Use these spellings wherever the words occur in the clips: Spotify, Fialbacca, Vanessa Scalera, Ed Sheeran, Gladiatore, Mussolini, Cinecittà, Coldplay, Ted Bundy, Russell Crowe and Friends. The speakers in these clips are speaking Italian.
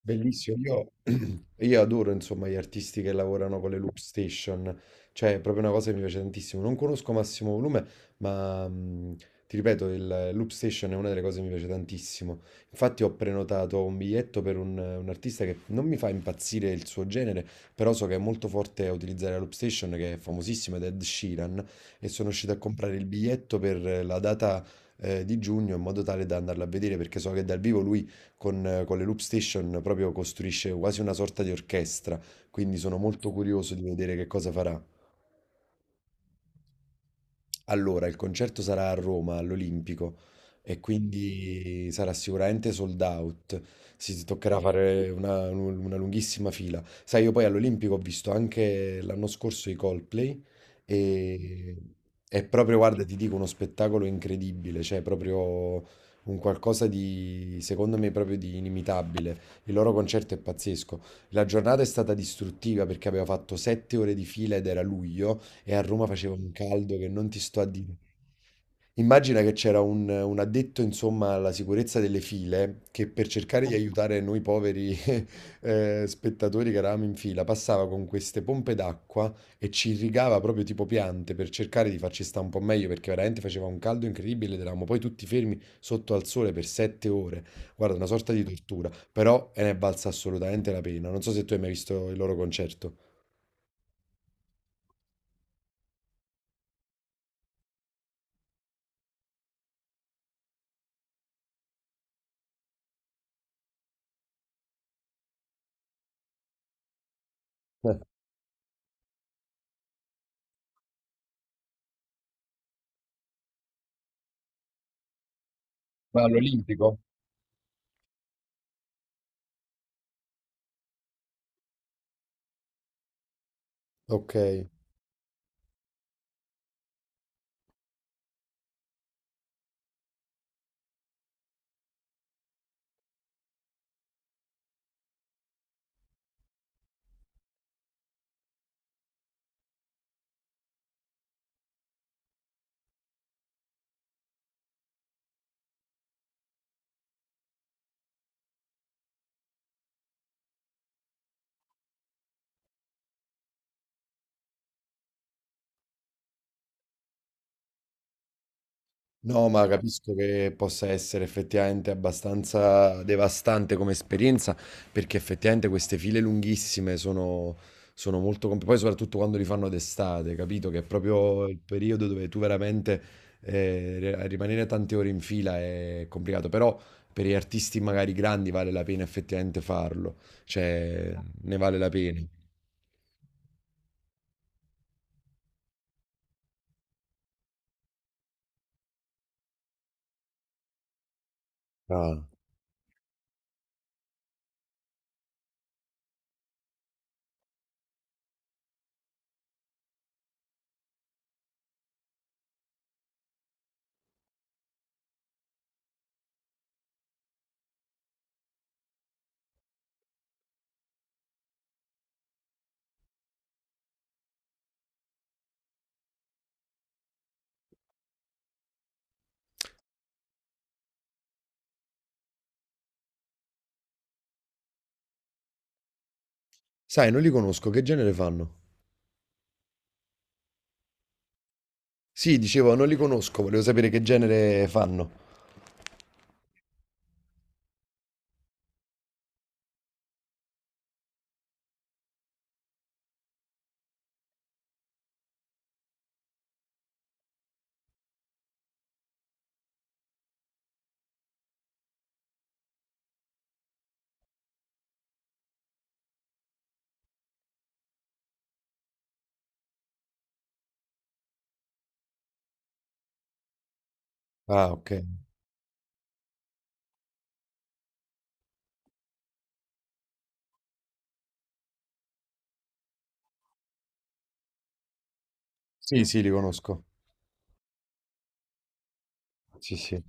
Bellissimo, io, io adoro insomma gli artisti che lavorano con le loop station, cioè è proprio una cosa che mi piace tantissimo. Non conosco Massimo Volume, ma mh, ti ripeto, il loop station è una delle cose che mi piace tantissimo. Infatti ho prenotato un biglietto per un artista che non mi fa impazzire il suo genere, però so che è molto forte a utilizzare la loop station, che è famosissima, ed è Ed Sheeran, e sono riuscito a comprare il biglietto per la data di giugno in modo tale da andarla a vedere, perché so che dal vivo lui con le Loop Station proprio costruisce quasi una sorta di orchestra, quindi sono molto curioso di vedere che cosa farà. Allora, il concerto sarà a Roma, all'Olimpico, e quindi sarà sicuramente sold out. Si toccherà fare una lunghissima fila. Sai, io poi all'Olimpico ho visto anche l'anno scorso i Coldplay e è proprio, guarda, ti dico, uno spettacolo incredibile, cioè proprio un qualcosa di, secondo me, proprio di inimitabile. Il loro concerto è pazzesco. La giornata è stata distruttiva perché aveva fatto 7 ore di fila ed era luglio. E a Roma faceva un caldo che non ti sto a dire. Immagina che c'era un addetto, insomma, alla sicurezza delle file che per cercare di aiutare noi poveri spettatori che eravamo in fila passava con queste pompe d'acqua e ci irrigava proprio tipo piante per cercare di farci stare un po' meglio perché veramente faceva un caldo incredibile ed eravamo poi tutti fermi sotto al sole per 7 ore. Guarda, una sorta di tortura, però ne è valsa assolutamente la pena. Non so se tu hai mai visto il loro concerto. Eh. Ma all'Olimpico? Ok. No, ma capisco che possa essere effettivamente abbastanza devastante come esperienza, perché effettivamente queste file lunghissime sono molto complicate, poi soprattutto quando li fanno d'estate, capito? Che è proprio il periodo dove tu veramente rimanere tante ore in fila è complicato, però per gli artisti magari grandi vale la pena effettivamente farlo, cioè ne vale la pena. Ah. Sai, non li conosco, che genere fanno? Sì, dicevo, non li conosco, volevo sapere che genere fanno. Ah, okay. Sì, sì, li conosco. Sì, sì.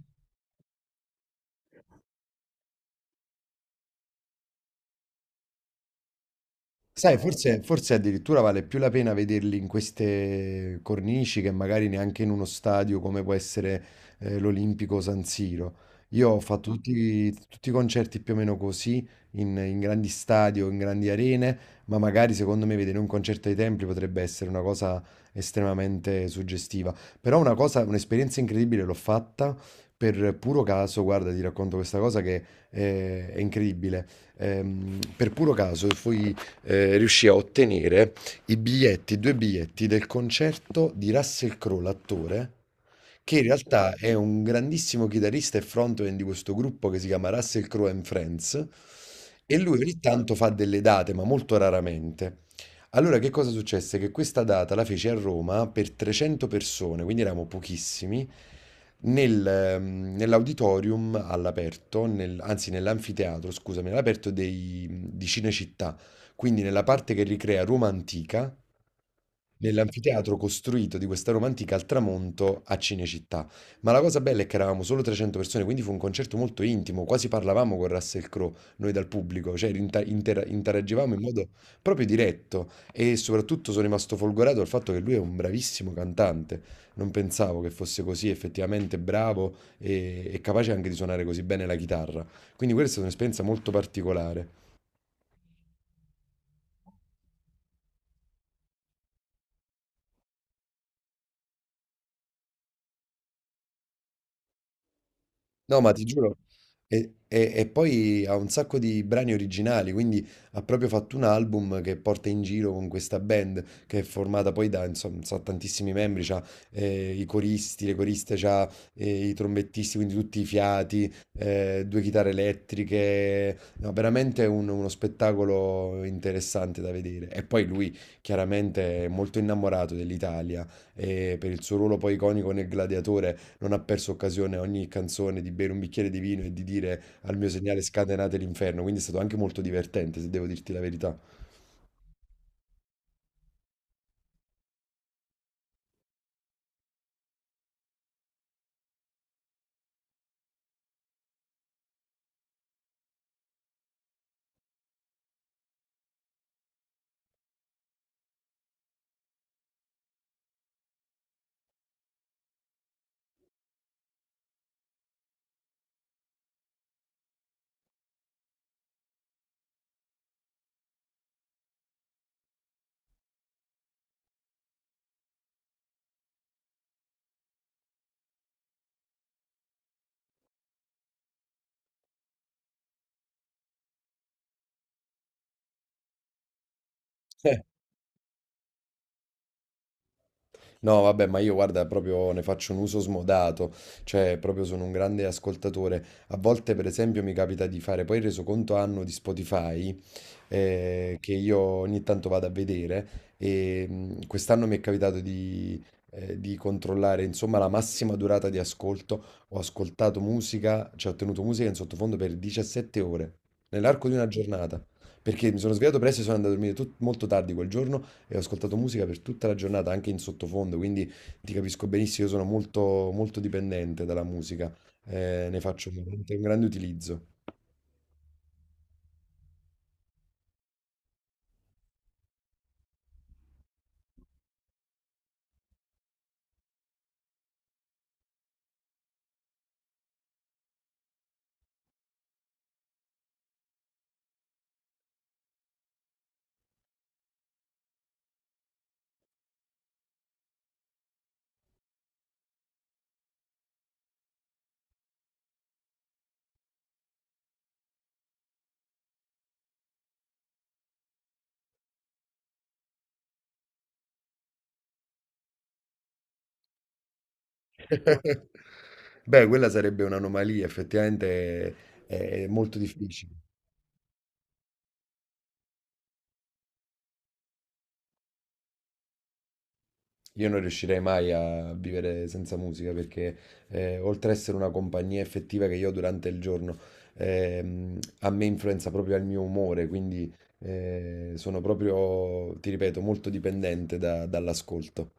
Sai, forse, forse addirittura vale più la pena vederli in queste cornici che magari neanche in uno stadio come può essere l'Olimpico San Siro. Io ho fatto tutti i concerti più o meno così, in grandi stadi o in grandi arene, ma magari secondo me vedere un concerto ai templi potrebbe essere una cosa estremamente suggestiva. Però una cosa, un'esperienza incredibile l'ho fatta per puro caso, guarda, ti racconto questa cosa che è incredibile. Per puro caso fui riuscì a ottenere i biglietti, due biglietti del concerto di Russell Crowe, l'attore, che in realtà è un grandissimo chitarrista e frontman di questo gruppo che si chiama Russell Crowe and Friends. E lui ogni tanto fa delle date, ma molto raramente. Allora, che cosa successe? Che questa data la fece a Roma per 300 persone, quindi eravamo pochissimi, nell'auditorium all'aperto, anzi nell'anfiteatro, scusami, di Cinecittà, quindi nella parte che ricrea Roma antica, nell'anfiteatro costruito di questa Roma antica al tramonto a Cinecittà. Ma la cosa bella è che eravamo solo 300 persone, quindi fu un concerto molto intimo, quasi parlavamo con Russell Crowe, noi dal pubblico, cioè interagivamo in modo proprio diretto e soprattutto sono rimasto folgorato dal fatto che lui è un bravissimo cantante. Non pensavo che fosse così effettivamente bravo e capace anche di suonare così bene la chitarra. Quindi questa è stata un'esperienza molto particolare. No, ma ti giuro. E poi ha un sacco di brani originali, quindi ha proprio fatto un album che porta in giro con questa band che è formata poi da, insomma, so, tantissimi membri, c'ha i coristi, le coriste, c'ha i trombettisti, quindi tutti i fiati, due chitarre elettriche, no, veramente uno spettacolo interessante da vedere. E poi lui chiaramente è molto innamorato dell'Italia e per il suo ruolo poi iconico nel Gladiatore non ha perso occasione a ogni canzone di bere un bicchiere di vino e di dire al mio segnale scatenate l'inferno, quindi è stato anche molto divertente, se devo dirti la verità. Eh, No, vabbè, ma io guarda, proprio ne faccio un uso smodato, cioè proprio sono un grande ascoltatore. A volte, per esempio, mi capita di fare poi il resoconto anno di Spotify che io ogni tanto vado a vedere e quest'anno mi è capitato di controllare insomma la massima durata di ascolto. Ho ascoltato musica, cioè ho tenuto musica in sottofondo per 17 ore, nell'arco di una giornata. Perché mi sono svegliato presto e sono andato a dormire molto tardi quel giorno e ho ascoltato musica per tutta la giornata, anche in sottofondo, quindi ti capisco benissimo, io sono molto, molto dipendente dalla musica, ne faccio veramente un grande utilizzo. Beh, quella sarebbe un'anomalia, effettivamente è, è molto difficile. Io non riuscirei mai a vivere senza musica perché oltre a essere una compagnia effettiva che io ho durante il giorno, a me influenza proprio il mio umore, quindi sono proprio, ti ripeto, molto dipendente dall'ascolto.